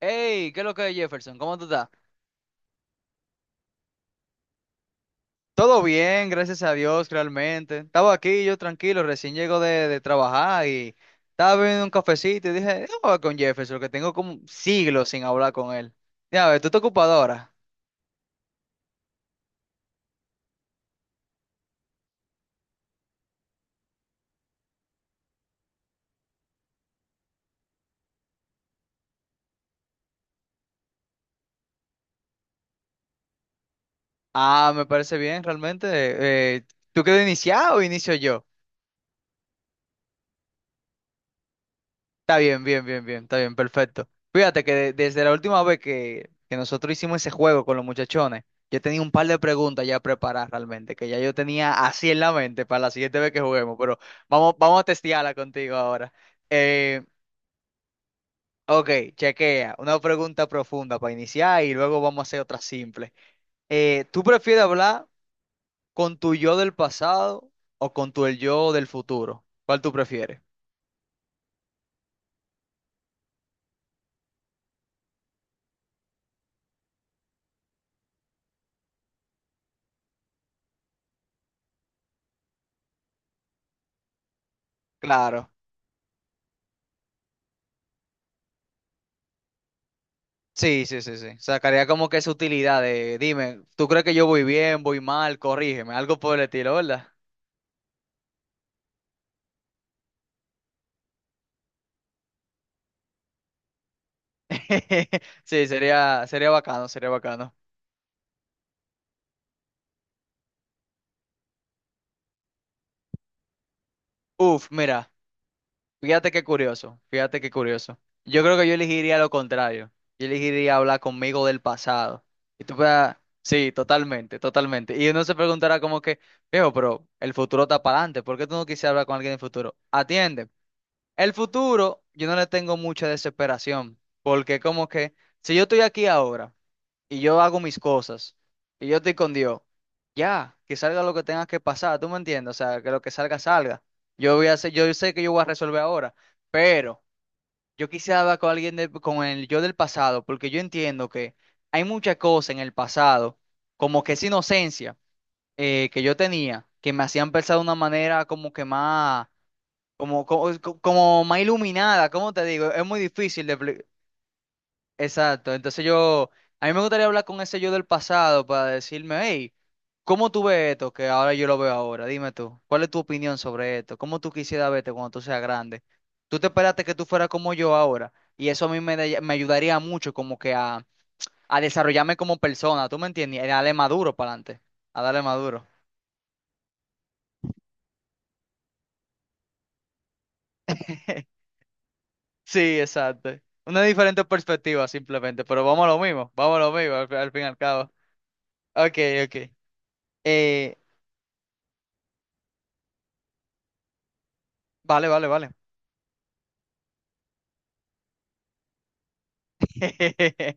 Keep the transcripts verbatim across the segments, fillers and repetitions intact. Hey, ¿qué es lo que es Jefferson? ¿Cómo tú estás? Todo bien, gracias a Dios, realmente. Estaba aquí yo tranquilo, recién llego de, de trabajar y estaba bebiendo un cafecito y dije, déjame hablar con Jefferson, que tengo como siglos sin hablar con él. Ya. A ¿tú estás ocupado ahora? Ah, me parece bien, realmente. Eh, ¿tú quieres iniciar o inicio yo? Está bien, bien, bien, bien, está bien, perfecto. Fíjate que de- desde la última vez que, que nosotros hicimos ese juego con los muchachones, yo tenía un par de preguntas ya preparadas realmente, que ya yo tenía así en la mente para la siguiente vez que juguemos, pero vamos, vamos a testearla contigo ahora. Eh, ok, chequea, una pregunta profunda para iniciar y luego vamos a hacer otra simple. Eh, ¿tú prefieres hablar con tu yo del pasado o con tu el yo del futuro. ¿Cuál tú prefieres? Claro. Sí, sí, sí, sí. Sacaría como que esa utilidad de, dime, ¿tú crees que yo voy bien, voy mal? Corrígeme, algo por el estilo, ¿verdad? Sí, sería, sería bacano, sería bacano. Uf, mira, fíjate qué curioso, fíjate qué curioso. Yo creo que yo elegiría lo contrario. Yo elegiría hablar conmigo del pasado. Y tú puedas, sí, totalmente, totalmente. Y uno se preguntará como que viejo, pero el futuro está para adelante, ¿por qué tú no quisieras hablar con alguien del futuro? Atiende. El futuro, yo no le tengo mucha desesperación, porque como que si yo estoy aquí ahora y yo hago mis cosas y yo estoy con Dios, ya, que salga lo que tenga que pasar, ¿tú me entiendes? O sea, que lo que salga, salga. Yo voy a hacer, yo sé que yo voy a resolver ahora, pero yo quisiera hablar con alguien de- con el yo del pasado, porque yo entiendo que hay muchas cosas en el pasado, como que esa inocencia eh, que yo tenía, que me hacían pensar de una manera como que más como, como, como más iluminada. ¿Cómo te digo? Es muy difícil de. pli- Exacto, entonces yo. A mí me gustaría hablar con ese yo del pasado para decirme, hey, ¿cómo tú ves esto que ahora yo lo veo ahora? Dime tú, ¿cuál es tu opinión sobre esto? ¿Cómo tú quisieras verte cuando tú seas grande? ¿Tú te esperaste que tú fueras como yo ahora? Y eso a mí me, da- me ayudaría mucho como que a, a desarrollarme como persona, ¿tú me entiendes? Y a darle maduro para adelante, a darle maduro. Sí, exacto. Una diferente perspectiva simplemente, pero vamos a lo mismo, vamos a lo mismo al, al fin y al cabo. Ok, ok. Eh, vale, vale, vale.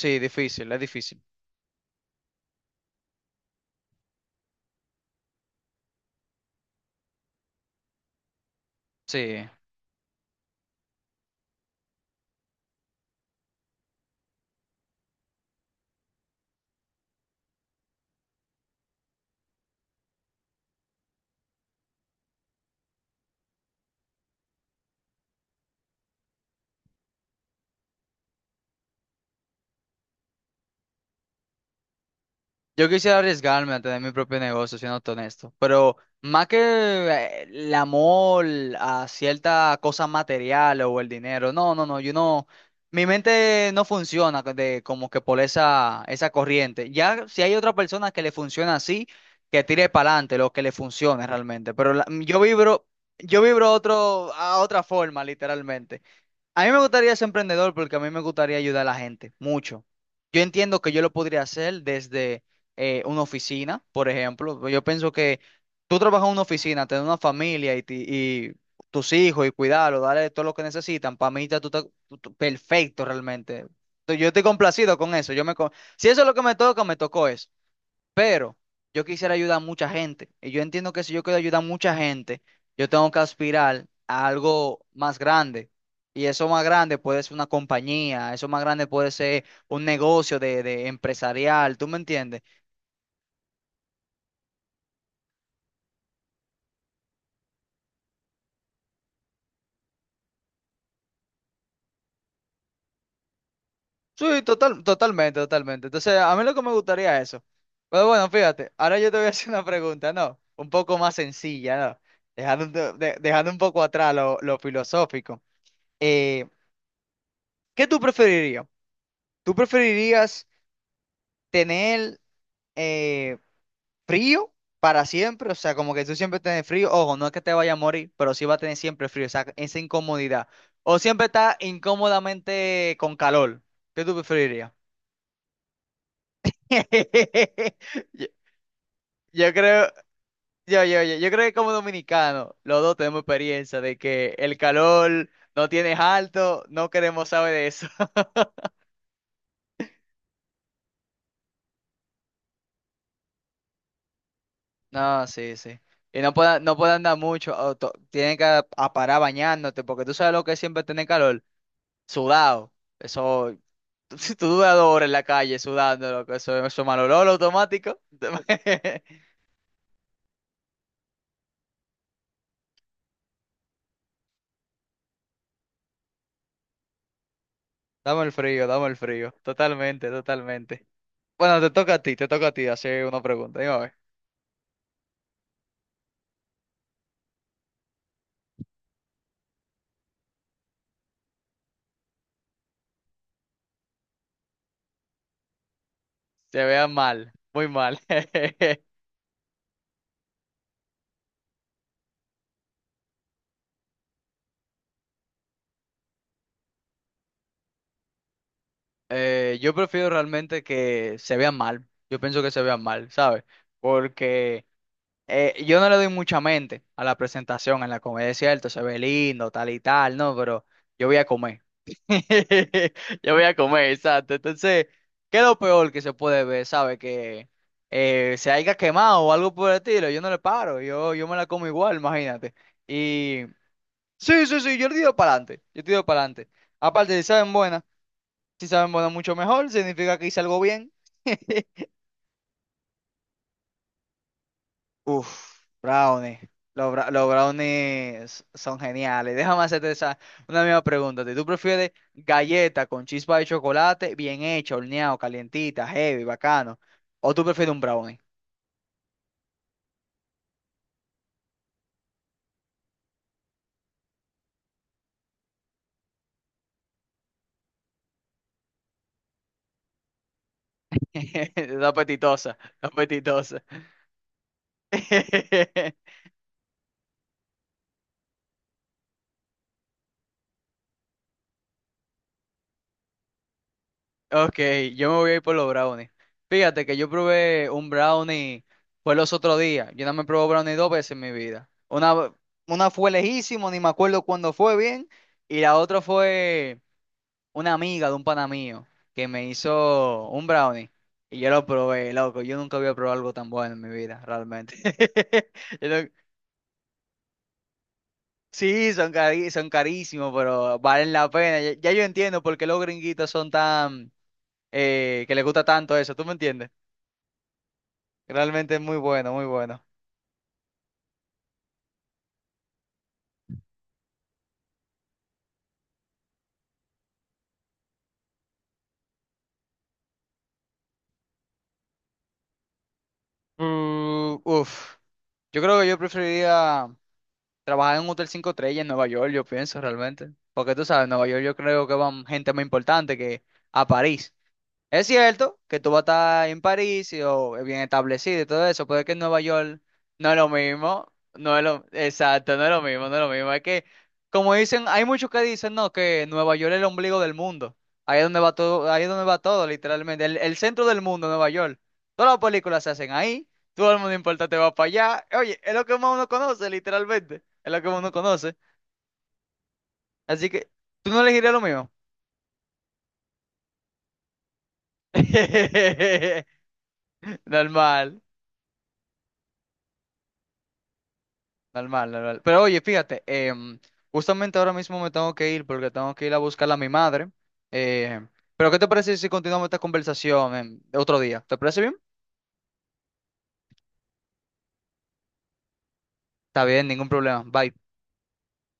Sí, difícil, es difícil. Sí. Yo quisiera arriesgarme a tener mi propio negocio, siendo honesto, pero más que eh, el amor a cierta cosa material o el dinero, no, no, no, yo no, mi mente no funciona co- de, como que por esa, esa corriente. Ya si hay otra persona que le funciona así, que tire para adelante lo que le funcione realmente, pero la- yo vibro, yo vibro a otro, a otra forma, literalmente. A mí me gustaría ser emprendedor porque a mí me gustaría ayudar a la gente mucho. Yo entiendo que yo lo podría hacer desde eh, una oficina, por ejemplo. Yo pienso que tú trabajas en una oficina, tener una familia y, ti- y tus hijos y cuidarlos, darle todo lo que necesitan. Para mí está tú, estás- tú- tú- perfecto realmente. Yo estoy complacido con eso. Yo me, co- si eso es lo que me toca, me tocó eso. Pero yo quisiera ayudar a mucha gente. Y yo entiendo que si yo quiero ayudar a mucha gente, yo tengo que aspirar a algo más grande. Y eso más grande puede ser una compañía, eso más grande puede ser un negocio de, de empresarial, ¿tú me entiendes? Sí, total, totalmente, totalmente. Entonces, a mí lo que me gustaría es eso. Pero bueno, fíjate, ahora yo te voy a hacer una pregunta, ¿no? Un poco más sencilla, ¿no? Dejando, un to- de- dejando un poco atrás lo, lo filosófico. Eh, ¿qué tú preferirías? ¿Tú preferirías tener eh, frío para siempre? O sea, como que tú siempre tienes frío, ojo, no es que te vaya a morir, pero sí va a tener siempre frío, o sea, esa incomodidad. O siempre está incómodamente con calor. ¿Qué tú preferirías? Yo, yo creo, yo, yo, yo, yo creo que como dominicano, los dos tenemos experiencia de que el calor no tienes alto, no queremos saber de eso. No, sí, sí. Y no puede, no puede andar mucho, o to- tiene que a- a parar bañándote, porque tú sabes lo que es siempre tener calor. Sudado. Eso. Si tú duras dos horas en la calle sudando, loco, eso, eso es mal olor automático. Dame el frío, dame el frío. Totalmente, totalmente. Bueno, te toca a ti, te toca a ti hacer una pregunta. Dime a ver. Se vean mal, muy mal. Eh, yo prefiero realmente que se vean mal. Yo pienso que se vean mal, ¿sabes? Porque eh, yo no le doy mucha mente a la presentación en la comedia, ¿es cierto? Se ve lindo, tal y tal, ¿no? Pero yo voy a comer. Yo voy a comer, exacto. Entonces, ¿qué es lo peor que se puede ver? ¿Sabe? Que eh, se haya quemado o algo por el estilo. Yo no le paro, yo, yo me la como igual, imagínate. Y sí, sí, sí, yo le tiro para adelante. Yo tiro para adelante. Aparte, si saben buena, si saben buena mucho mejor, significa que hice algo bien. Uf, brownie. Los, bra- los brownies son geniales. Déjame hacerte esa, una misma pregunta. Si ¿Tú prefieres galleta con chispa de chocolate, bien hecha, horneado, calientita, heavy, bacano? ¿O tú prefieres un brownie? Está apetitosa, está apetitosa. Ok, yo me voy a ir por los brownies. Fíjate que yo probé un brownie, fue los otros días. Yo no me probé brownie dos veces en mi vida. Una, una fue lejísimo, ni me acuerdo cuándo fue bien. Y la otra fue una amiga de un pana mío que me hizo un brownie y yo lo probé, loco. Yo nunca había probado algo tan bueno en mi vida, realmente. Yo no- Sí, son cari- son carísimos, pero valen la pena. Ya, ya yo entiendo por qué los gringuitos son tan, eh, que les gusta tanto eso, ¿tú me entiendes? Realmente es muy bueno, muy bueno. Uh, uf. Yo creo que yo preferiría trabajar en un hotel cinco estrellas en Nueva York, yo pienso realmente. Porque tú sabes, en Nueva York yo creo que van gente más importante que a París. Es cierto que tú vas a estar en París y, o bien establecido y todo eso, pero es que en Nueva York no es lo mismo, no es lo, exacto, no es lo mismo, no es lo mismo. Es que, como dicen, hay muchos que dicen, no, que Nueva York es el ombligo del mundo. Ahí es donde va todo, ahí es donde va todo, literalmente. El, el centro del mundo, Nueva York. Todas las películas se hacen ahí, todo el mundo importante va para allá. Oye, es lo que más uno conoce, literalmente. Es lo que más uno conoce. Así que, ¿tú no elegirías lo mismo? Normal. Normal, normal. Pero oye, fíjate, em, justamente ahora mismo me tengo que ir porque tengo que ir a buscar a mi madre. Eh, pero ¿qué te parece si continuamos esta conversación en otro día? ¿Te parece bien? Está bien, ningún problema. Bye.